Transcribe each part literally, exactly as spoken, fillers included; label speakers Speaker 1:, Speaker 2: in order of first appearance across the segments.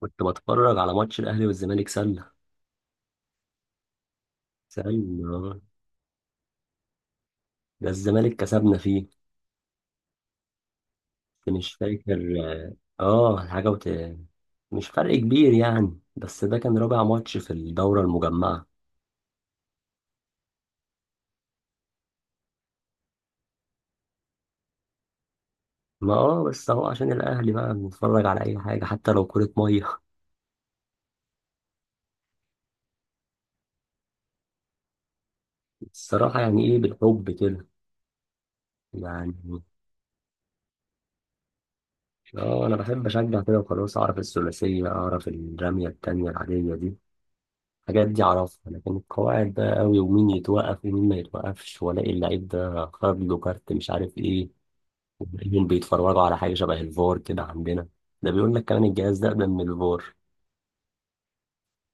Speaker 1: كنت بتفرج على ماتش الأهلي والزمالك سلة. سلة، آه. ده الزمالك كسبنا فيه، بس مش فاكر. اه، آه، حاجة وت... مش فرق كبير يعني، بس ده كان رابع ماتش في الدورة المجمعة. ما اه بس اهو عشان الأهلي بقى بنتفرج على أي حاجة، حتى لو كرة مية. الصراحة يعني ايه، بالحب كده يعني. اه، أنا بحب أشجع كده وخلاص، أعرف الثلاثية، أعرف الرمية التانية العادية دي. الحاجات دي أعرفها، لكن القواعد بقى أوي ومين يتوقف ومين ما يتوقفش، وألاقي اللعيب ده خد له كارت مش عارف إيه. وتلاقيهم بيتفرجوا على حاجة شبه الفار كده عندنا. ده بيقول لك كمان الجهاز ده أقدم من الفار.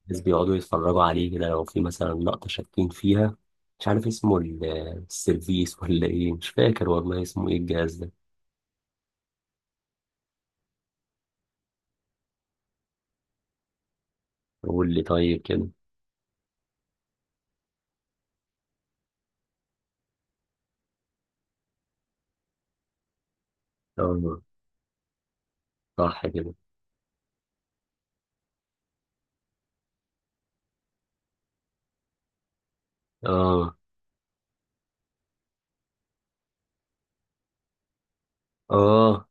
Speaker 1: الناس بيقعدوا يتفرجوا عليه كده لو في مثلا لقطة شاكين فيها. مش عارف اسمه ال- السيرفيس ولا إيه، مش فاكر والله اسمه إيه الجهاز ده. قول لي طيب كده. آه. صح كده. آه. آه.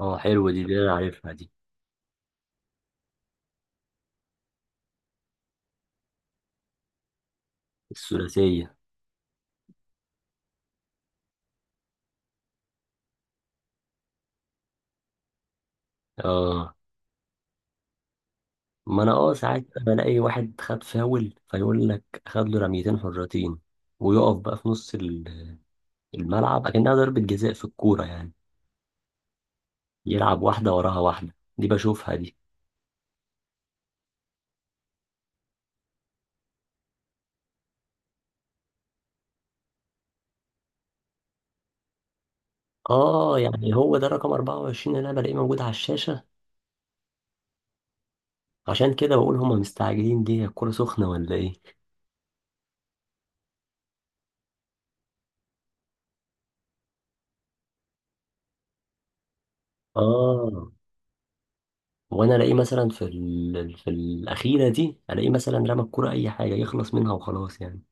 Speaker 1: آه، حلوة دي دي أنا عارفها دي، الثلاثية. اه، ما انا اه ساعات بلاقي واحد خد فاول، فيقول لك خد له رميتين حرتين، ويقف بقى في نص ال- الملعب، اكنها ضربة جزاء في الكورة يعني. يلعب واحدة وراها واحدة، دي بشوفها دي. اه، يعني هو ده رقم اربعة وعشرين اللي انا بلاقيه موجود على الشاشة. عشان كده بقول هما مستعجلين، دي هي الكورة سخنة ولا ايه؟ اه. وانا الاقيه مثلا في ال... في الاخيرة دي، الاقيه مثلا رمى الكورة اي حاجة يخلص منها وخلاص يعني.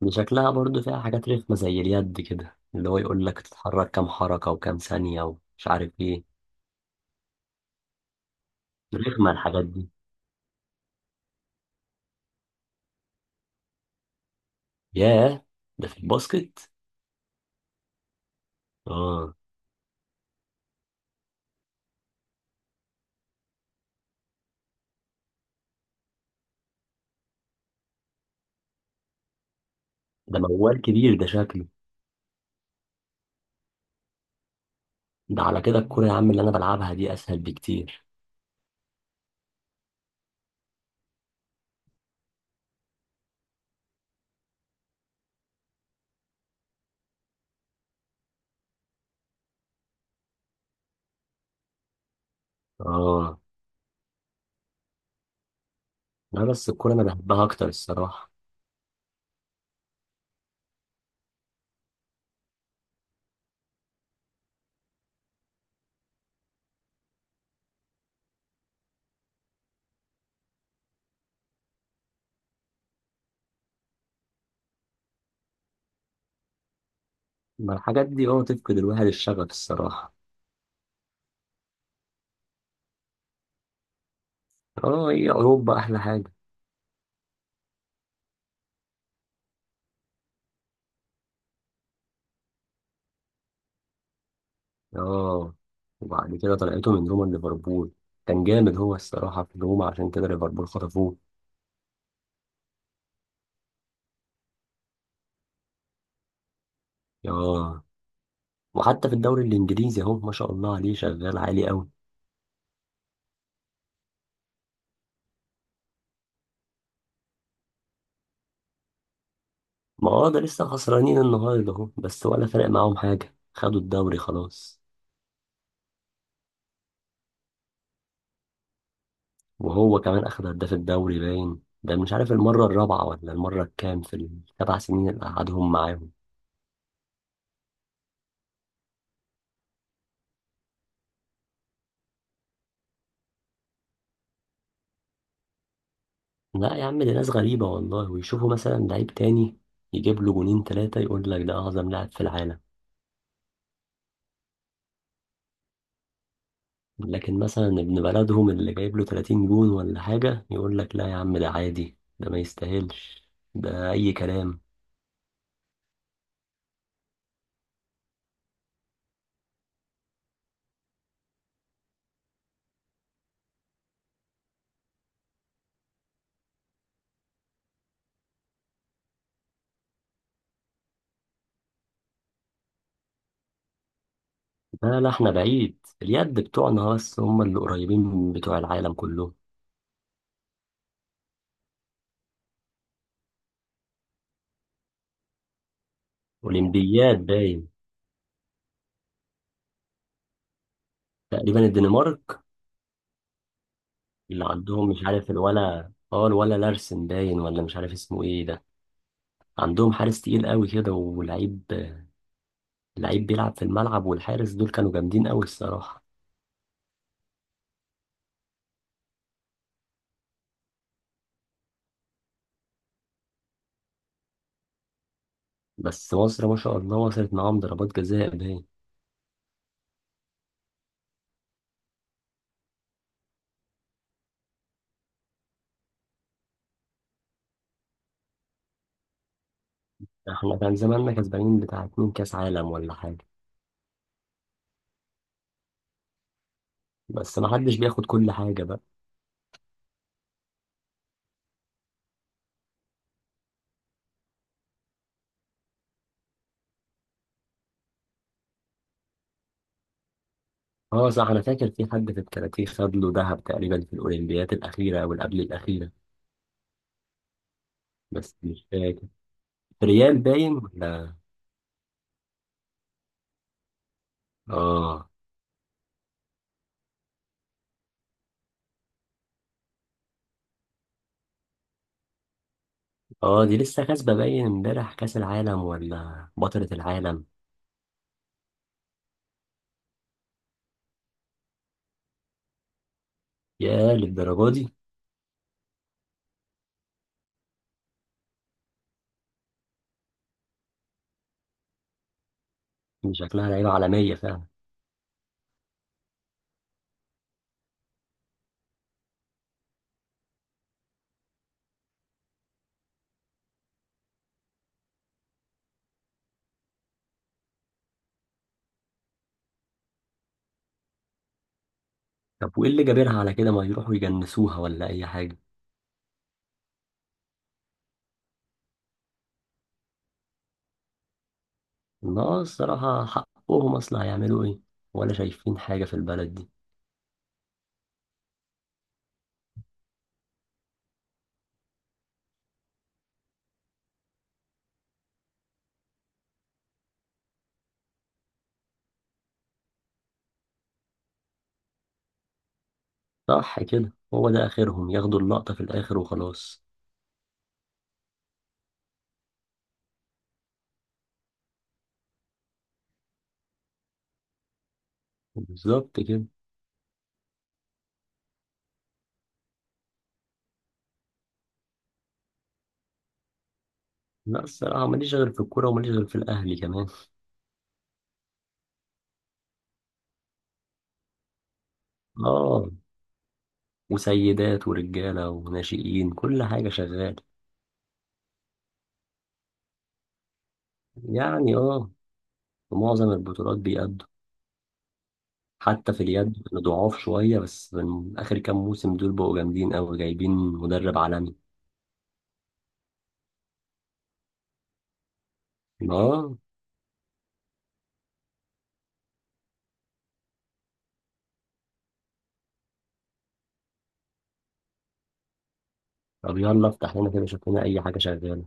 Speaker 1: دي شكلها برضو فيها حاجات رخمة زي اليد كده، اللي هو يقول لك تتحرك كام حركة وكام ثانية ومش عارف ايه. رخمة الحاجات دي. ياه، ده في الباسكت؟ اه. ده موال كبير ده شكله. ده على كده الكورة يا عم اللي انا بلعبها دي اسهل بكتير. اه. لا، بس الكورة انا بحبها اكتر الصراحة. ما الحاجات دي اه تفقد الواحد الشغف الصراحة. اه، هي اوروبا احلى حاجة. اه، وبعد كده طلعته من روما ليفربول. كان جامد هو الصراحة في روما، عشان كده ليفربول خطفوه. اه. وحتى في الدوري الانجليزي اهو، ما شاء الله عليه، شغال عالي قوي. ما هو ده لسه خسرانين النهارده اهو، بس ولا فرق معاهم حاجه، خدوا الدوري خلاص. وهو كمان اخد هداف الدوري باين، ده مش عارف المره الرابعه ولا المره الكام في السبع سنين اللي قعدهم معاهم. لا يا عم، دي ناس غريبه والله. ويشوفوا مثلا لعيب تاني يجيب له جونين ثلاثه، يقول لك ده اعظم لاعب في العالم. لكن مثلا ابن بلدهم اللي جايب له ثلاثين جون ولا حاجه، يقول لك لا يا عم ده عادي، ده ما يستاهلش، ده اي كلام. لا لا، احنا بعيد، اليد بتوعنا بس هم اللي قريبين بتوع العالم كله. اولمبياد باين. تقريبا الدنمارك. اللي عندهم مش عارف الولا اه الولا لارسن باين، ولا مش عارف اسمه ايه ده. عندهم حارس تقيل قوي كده ولعيب، لعيب بيلعب في الملعب، والحارس دول كانوا جامدين قوي الصراحة. بس مصر ما شاء الله وصلت معاهم ضربات جزاء باين. احنا كان زماننا كسبانين بتاع اتنين كاس عالم ولا حاجة. بس ما حدش بياخد كل حاجة بقى. اه صح، انا فاكر في حد في الكاراتيه خد له ذهب تقريبا في الاولمبيات الاخيره او اللي قبل الاخيره. بس مش فاكر، ريال باين ولا. اه. اه، دي لسه كاسبه باين امبارح كاس العالم، ولا بطله العالم. يا، للدرجه دي. دي شكلها لعيبه عالميه فعلا. طب وايه اللي جابرها على كده، ما يروحوا يجنسوها ولا اي حاجه. لا، الصراحه حقهم اصلا، هيعملوا ايه ولا شايفين حاجه في البلد دي. صح كده، هو ده اخرهم ياخدوا اللقطه في الاخر وخلاص. بالظبط كده. لا، الصراحة ماليش غير في الكورة، وماليش غير في الأهلي كمان. اه، وسيدات ورجالة وناشئين، كل حاجة شغال. يعني اه، في معظم البطولات بيأدوا. حتى في اليد أنا ضعاف شوية، بس من آخر كام موسم دول بقوا جامدين أوي، جايبين مدرب عالمي. اه. طب يلا افتح لنا كده، شوف لنا أي حاجة شغالة.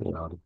Speaker 1: يلا.